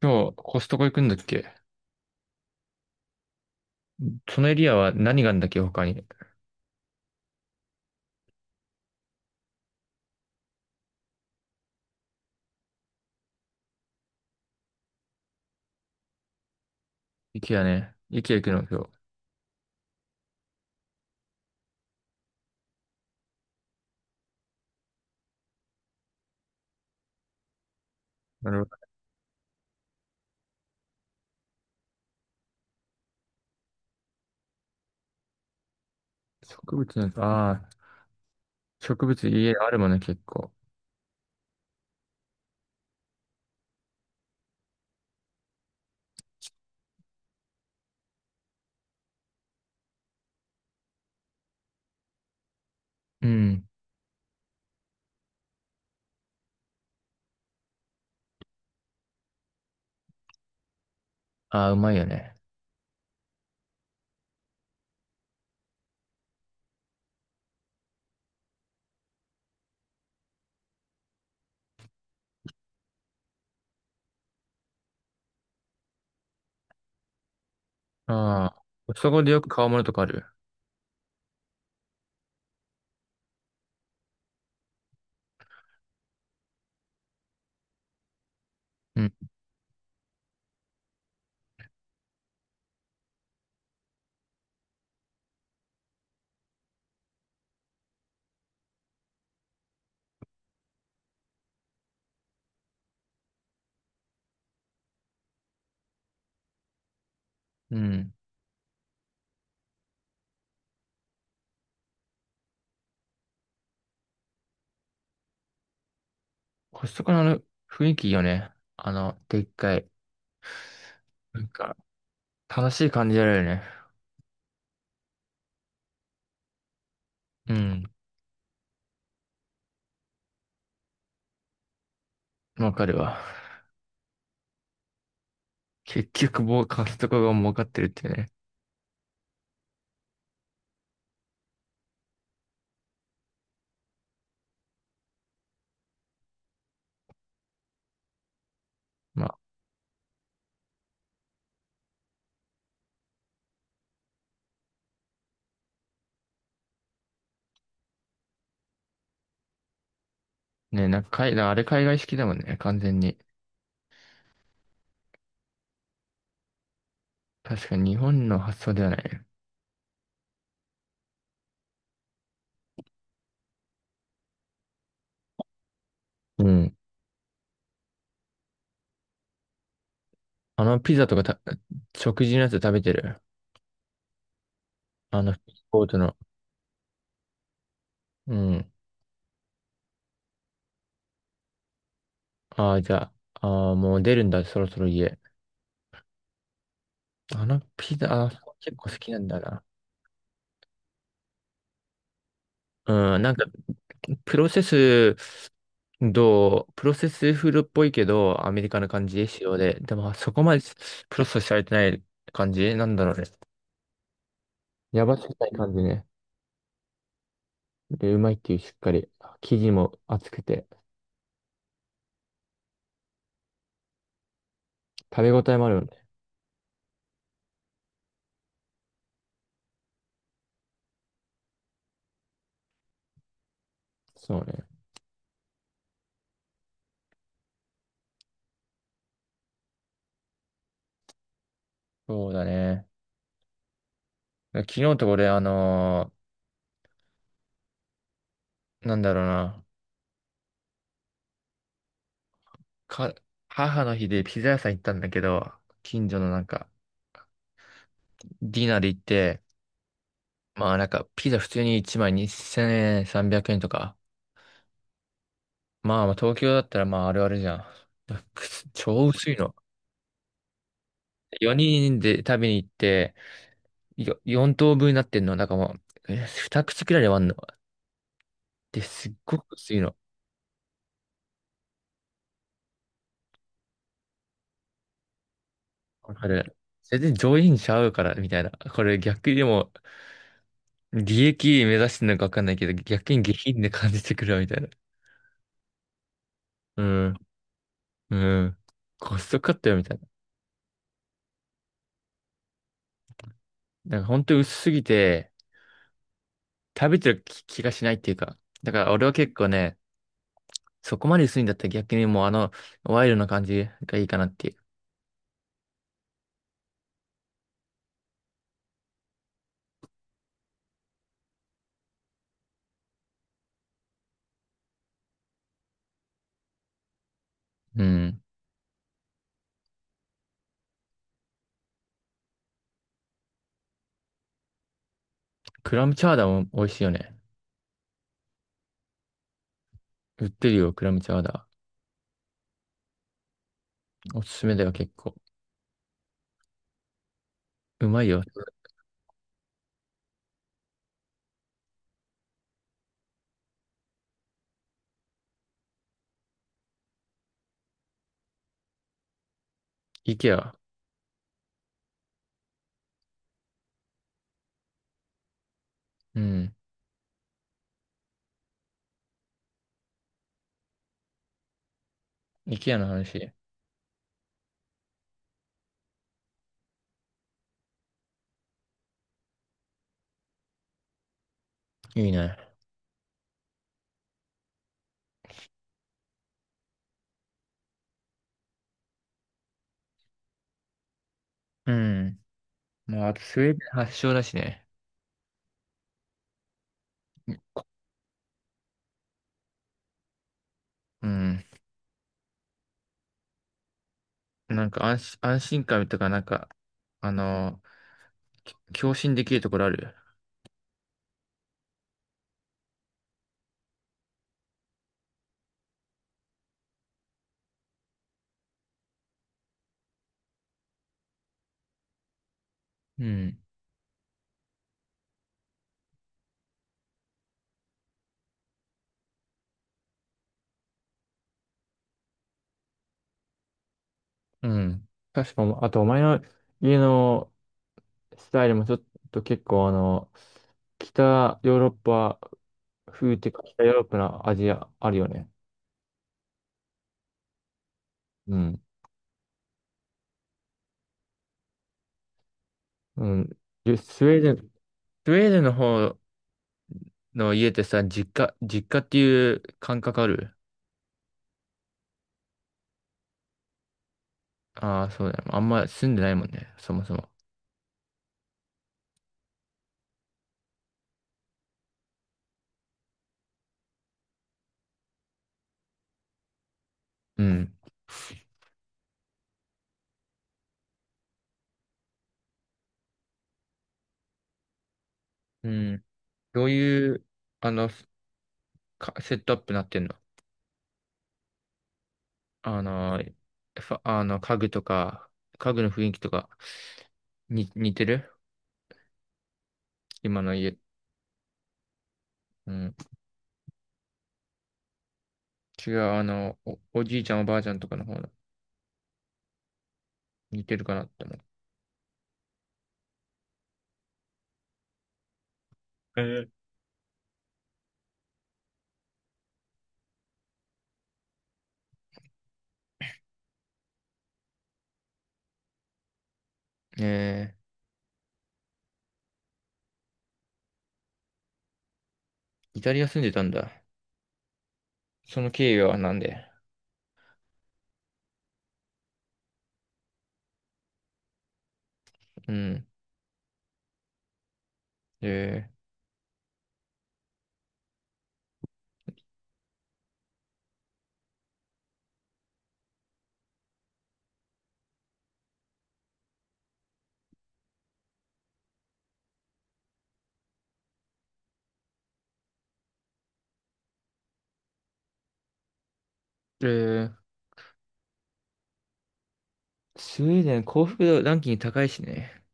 今日、コストコ行くんだっけ。そのエリアは何があるんだっけ、他に。池やね。池行くの今日。なるほど。植物の、ああ、植物家あるもんね、結構。うん。ああ、うまいよね。ああ、コストコでよく買うものとかある。うん。うん。コストコのあの雰囲気いいよね。あの、でっかい。なんか、楽しい感じあるよね。うん。わかるわ。結局、もうコストコが儲かってるっていうね。まあ、ね、なんかあれ海外式だもんね、完全に。確かに日本の発想ではないね。うん。あのピザとかた、食事のやつ食べてる。あの、コートの。うん。ああ、じゃあ、ああ、もう出るんだ、そろそろ家。あのピザ、あー結構好きなんだな。うん、なんか、プロセス、プロセスフードっぽいけど、アメリカの感じ、仕様で。でも、そこまでプロセスされてない感じなんだろうね。やばすぎない感じね。で、うまいっていう、しっかり。生地も厚くて、食べ応えもあるよね。そうね。そうだね。昨日と俺、なんだろうな、か、母の日でピザ屋さん行ったんだけど、近所のなんか、ディナーで行って、まあなんか、ピザ普通に1枚2 0円、300円とか。まあまあ東京だったらまああるあるじゃん。超薄いの。4人で食べに行って、4等分になってんの。なんかもう、2口くらいで割んの。で、すっごく薄いの。わかる。全然上品ちゃうから、みたいな。これ逆にでも、利益目指してるのかわかんないけど、逆に下品で感じてくるわみたいな。うん。うん。コストカットよみたいな。なんから本当に薄すぎて、食べてる気がしないっていうか。だから俺は結構ね、そこまで薄いんだったら逆にもうあの、ワイルドな感じがいいかなっていう。うん。クラムチャウダーも美味しいよね。売ってるよ、クラムチャウダー。おすすめだよ、結構。うまいよ。イケア。うん。イケアの話。いいね。うん。まあ、あとスウェーデン発祥だしね。うん。なんか安心感とか、なんか、あのー、共振できるところある。うん。うん。確かも、あとお前の家のスタイルもちょっと結構あの、北ヨーロッパ風っていうか北ヨーロッパな味あるよね。うん。うん。でスウェーデン、スウェーデンの方の家ってさ、実家っていう感覚ある。ああー、そうだよ。あんま住んでないもんね、そもそも。うん。うん。どういう、あの、セットアップなってんの。あのー、あの、家具とか、家具の雰囲気とか、似てる今の家。うん。違う、あの、おじいちゃんおばあちゃんとかの方の、似てるかなって思う。えー、えー、イタリア住んでたんだ。その経緯はなんで。うん。えー、えー、スウェーデン幸福度ランキング高いしね。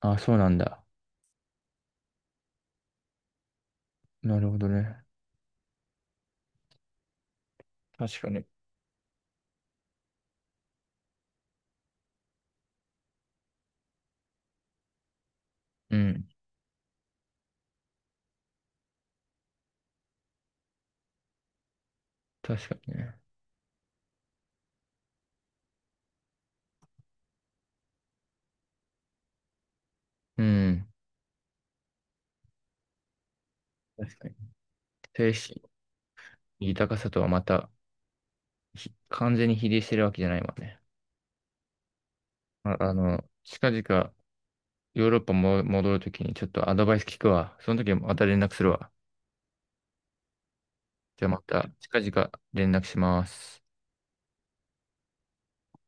あ、そうなんだ。なるほどね。確かに。うん。確かにね。うん。確かに。精神豊かさとはまた完全に比例してるわけじゃないもんね。あ、あの、近々ヨーロッパも戻るときにちょっとアドバイス聞くわ。その時また連絡するわ。じゃあまた近々連絡します。